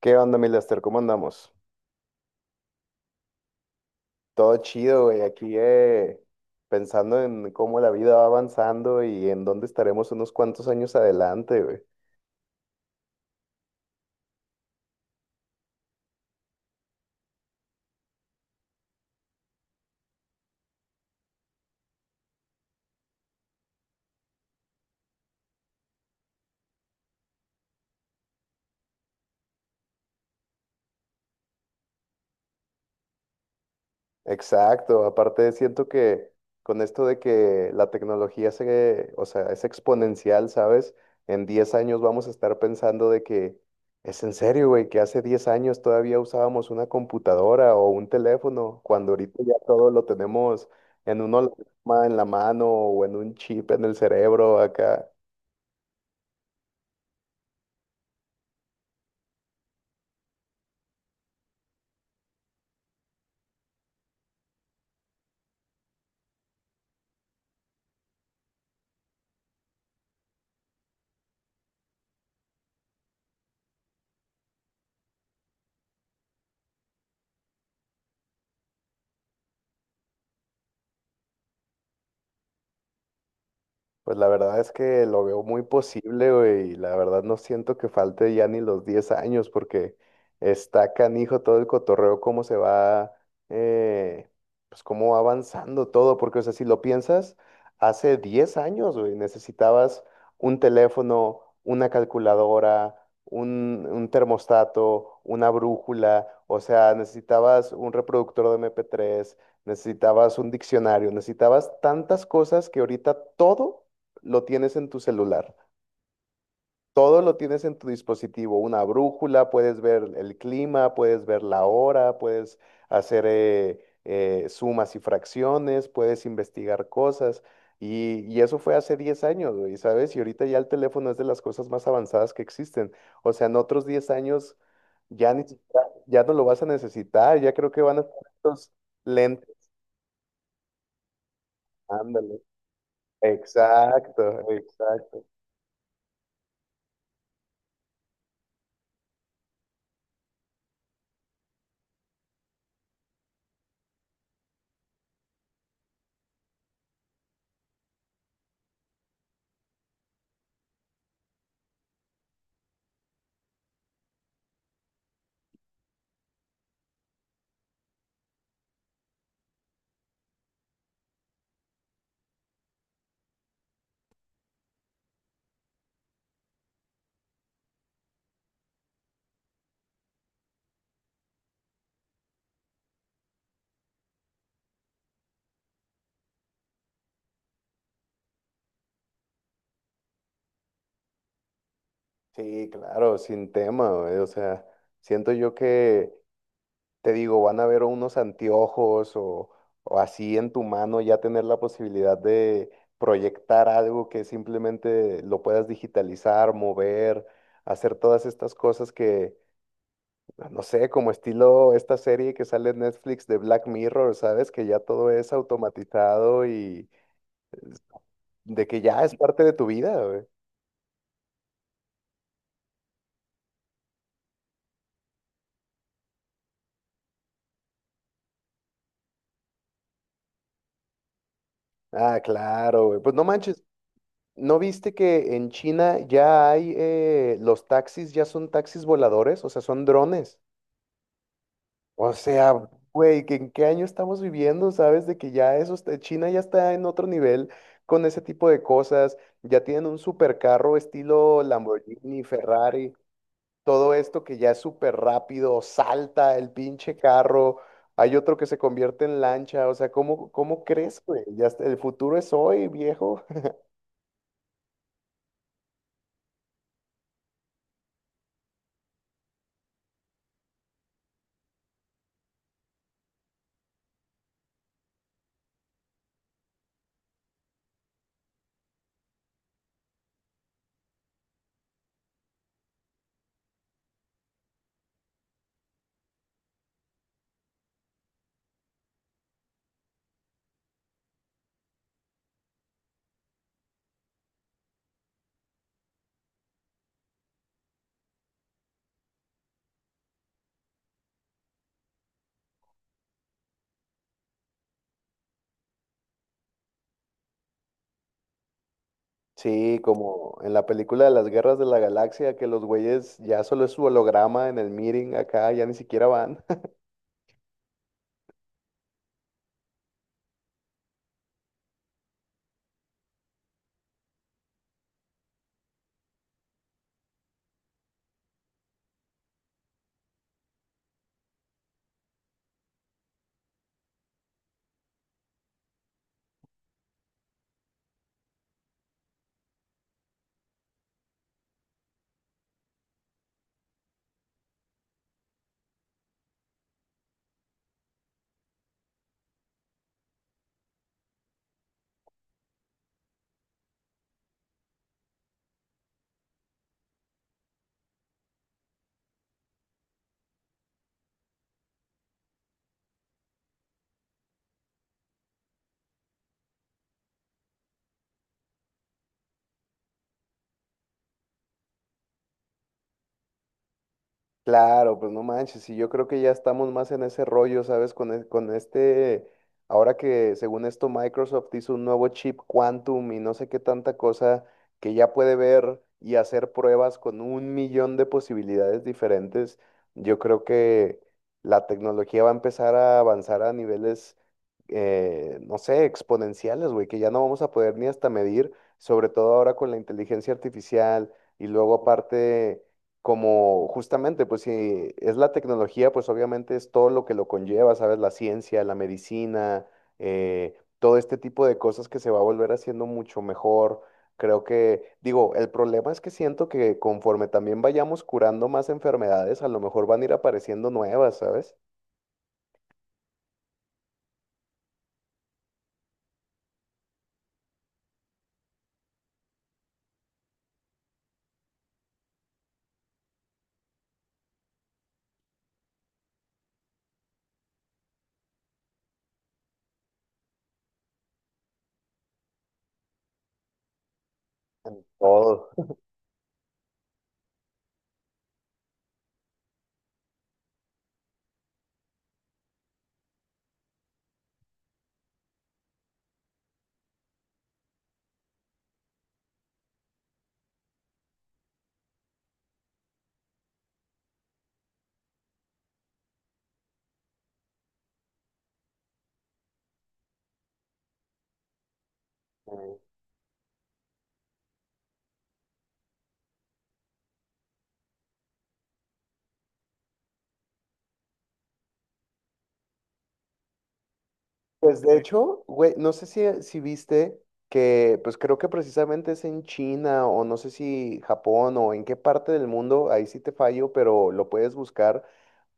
¿Qué onda, mi Lester? ¿Cómo andamos? Todo chido, güey. Aquí pensando en cómo la vida va avanzando y en dónde estaremos unos cuantos años adelante, güey. Exacto, aparte siento que con esto de que la tecnología o sea, es exponencial, ¿sabes? En 10 años vamos a estar pensando de que es en serio, güey, que hace 10 años todavía usábamos una computadora o un teléfono, cuando ahorita ya todo lo tenemos en un holograma en la mano o en un chip en el cerebro acá. Pues la verdad es que lo veo muy posible, güey, y la verdad no siento que falte ya ni los 10 años porque está canijo todo el cotorreo, cómo se va, eh, pues cómo va avanzando todo, porque o sea, si lo piensas, hace 10 años, güey, necesitabas un teléfono, una calculadora, un termostato, una brújula, o sea, necesitabas un reproductor de MP3, necesitabas un diccionario, necesitabas tantas cosas que ahorita todo lo tienes en tu celular. Todo lo tienes en tu dispositivo, una brújula, puedes ver el clima, puedes ver la hora, puedes hacer sumas y fracciones, puedes investigar cosas. Y eso fue hace 10 años, güey, ¿sabes? Y ahorita ya el teléfono es de las cosas más avanzadas que existen. O sea, en otros 10 años ya ni siquiera- ya no lo vas a necesitar, ya creo que van a estar estos lentes. Ándale. Exacto, exacto. Sí, claro, sin tema, güey. O sea, siento yo que, te digo, van a ver unos anteojos o así en tu mano ya tener la posibilidad de proyectar algo que simplemente lo puedas digitalizar, mover, hacer todas estas cosas que, ah, no sé, como estilo esta serie que sale en Netflix de Black Mirror, ¿sabes? Que ya todo es automatizado y de que ya es parte de tu vida, güey. Ah, claro, güey. Pues no manches, ¿no viste que en China ya hay, los taxis ya son taxis voladores? O sea, son drones. O sea, güey, ¿que ¿en qué año estamos viviendo? ¿Sabes? De que ya eso está- China ya está en otro nivel con ese tipo de cosas. Ya tienen un supercarro estilo Lamborghini, Ferrari, todo esto que ya es súper rápido, salta el pinche carro. Hay otro que se convierte en lancha. O sea, ¿cómo, cómo crees, güey? Ya está- el futuro es hoy, viejo. Sí, como en la película de las Guerras de la Galaxia, que los güeyes ya solo es su holograma en el meeting acá, ya ni siquiera van. Claro, pues no manches, y yo creo que ya estamos más en ese rollo, ¿sabes? Con este, ahora que según esto Microsoft hizo un nuevo chip Quantum y no sé qué tanta cosa que ya puede ver y hacer pruebas con 1 millón de posibilidades diferentes, yo creo que la tecnología va a empezar a avanzar a niveles, no sé, exponenciales, güey, que ya no vamos a poder ni hasta medir, sobre todo ahora con la inteligencia artificial y luego aparte como justamente, pues si es la tecnología, pues obviamente es todo lo que lo conlleva, ¿sabes? La ciencia, la medicina, todo este tipo de cosas que se va a volver haciendo mucho mejor. Creo que, digo, el problema es que siento que conforme también vayamos curando más enfermedades, a lo mejor van a ir apareciendo nuevas, ¿sabes? Todo. Pues de hecho, güey, no sé si, si viste que, pues creo que precisamente es en China o no sé si Japón o en qué parte del mundo, ahí sí te fallo, pero lo puedes buscar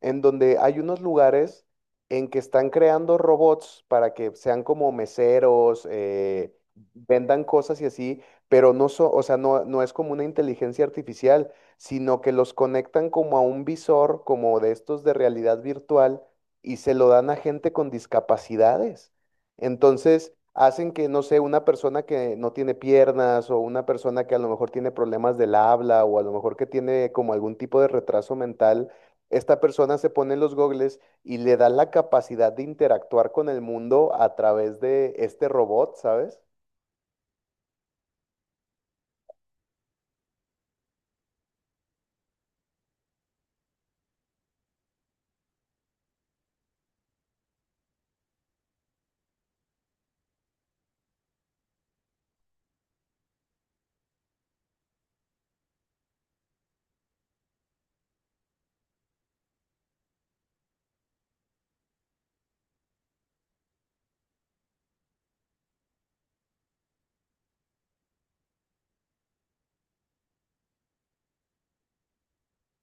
en donde hay unos lugares en que están creando robots para que sean como meseros, vendan cosas y así, pero o sea, no, no es como una inteligencia artificial, sino que los conectan como a un visor, como de estos de realidad virtual, y se lo dan a gente con discapacidades. Entonces, hacen que, no sé, una persona que no tiene piernas o una persona que a lo mejor tiene problemas del habla o a lo mejor que tiene como algún tipo de retraso mental, esta persona se pone los gogles y le da la capacidad de interactuar con el mundo a través de este robot, ¿sabes?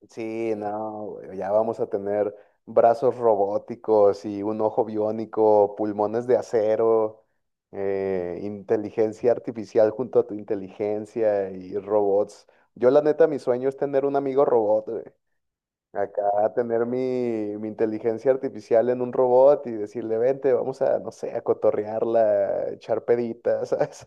Sí, no, güey, ya vamos a tener brazos robóticos y un ojo biónico, pulmones de acero, inteligencia artificial junto a tu inteligencia y robots. Yo la neta, mi sueño es tener un amigo robot, acá tener mi, mi inteligencia artificial en un robot y decirle, vente, vamos a, no sé, a cotorrearla, a echar peditas, ¿sabes?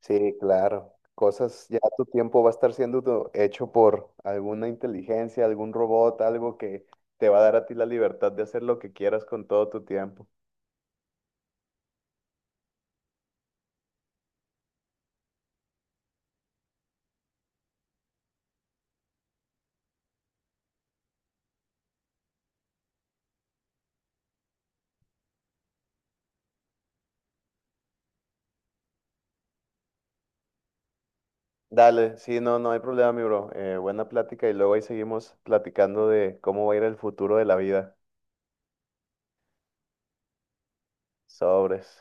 Sí, claro. Cosas, ya tu tiempo va a estar siendo hecho por alguna inteligencia, algún robot, algo que te va a dar a ti la libertad de hacer lo que quieras con todo tu tiempo. Dale, sí, no, no hay problema, mi bro. Buena plática y luego ahí seguimos platicando de cómo va a ir el futuro de la vida. Sobres.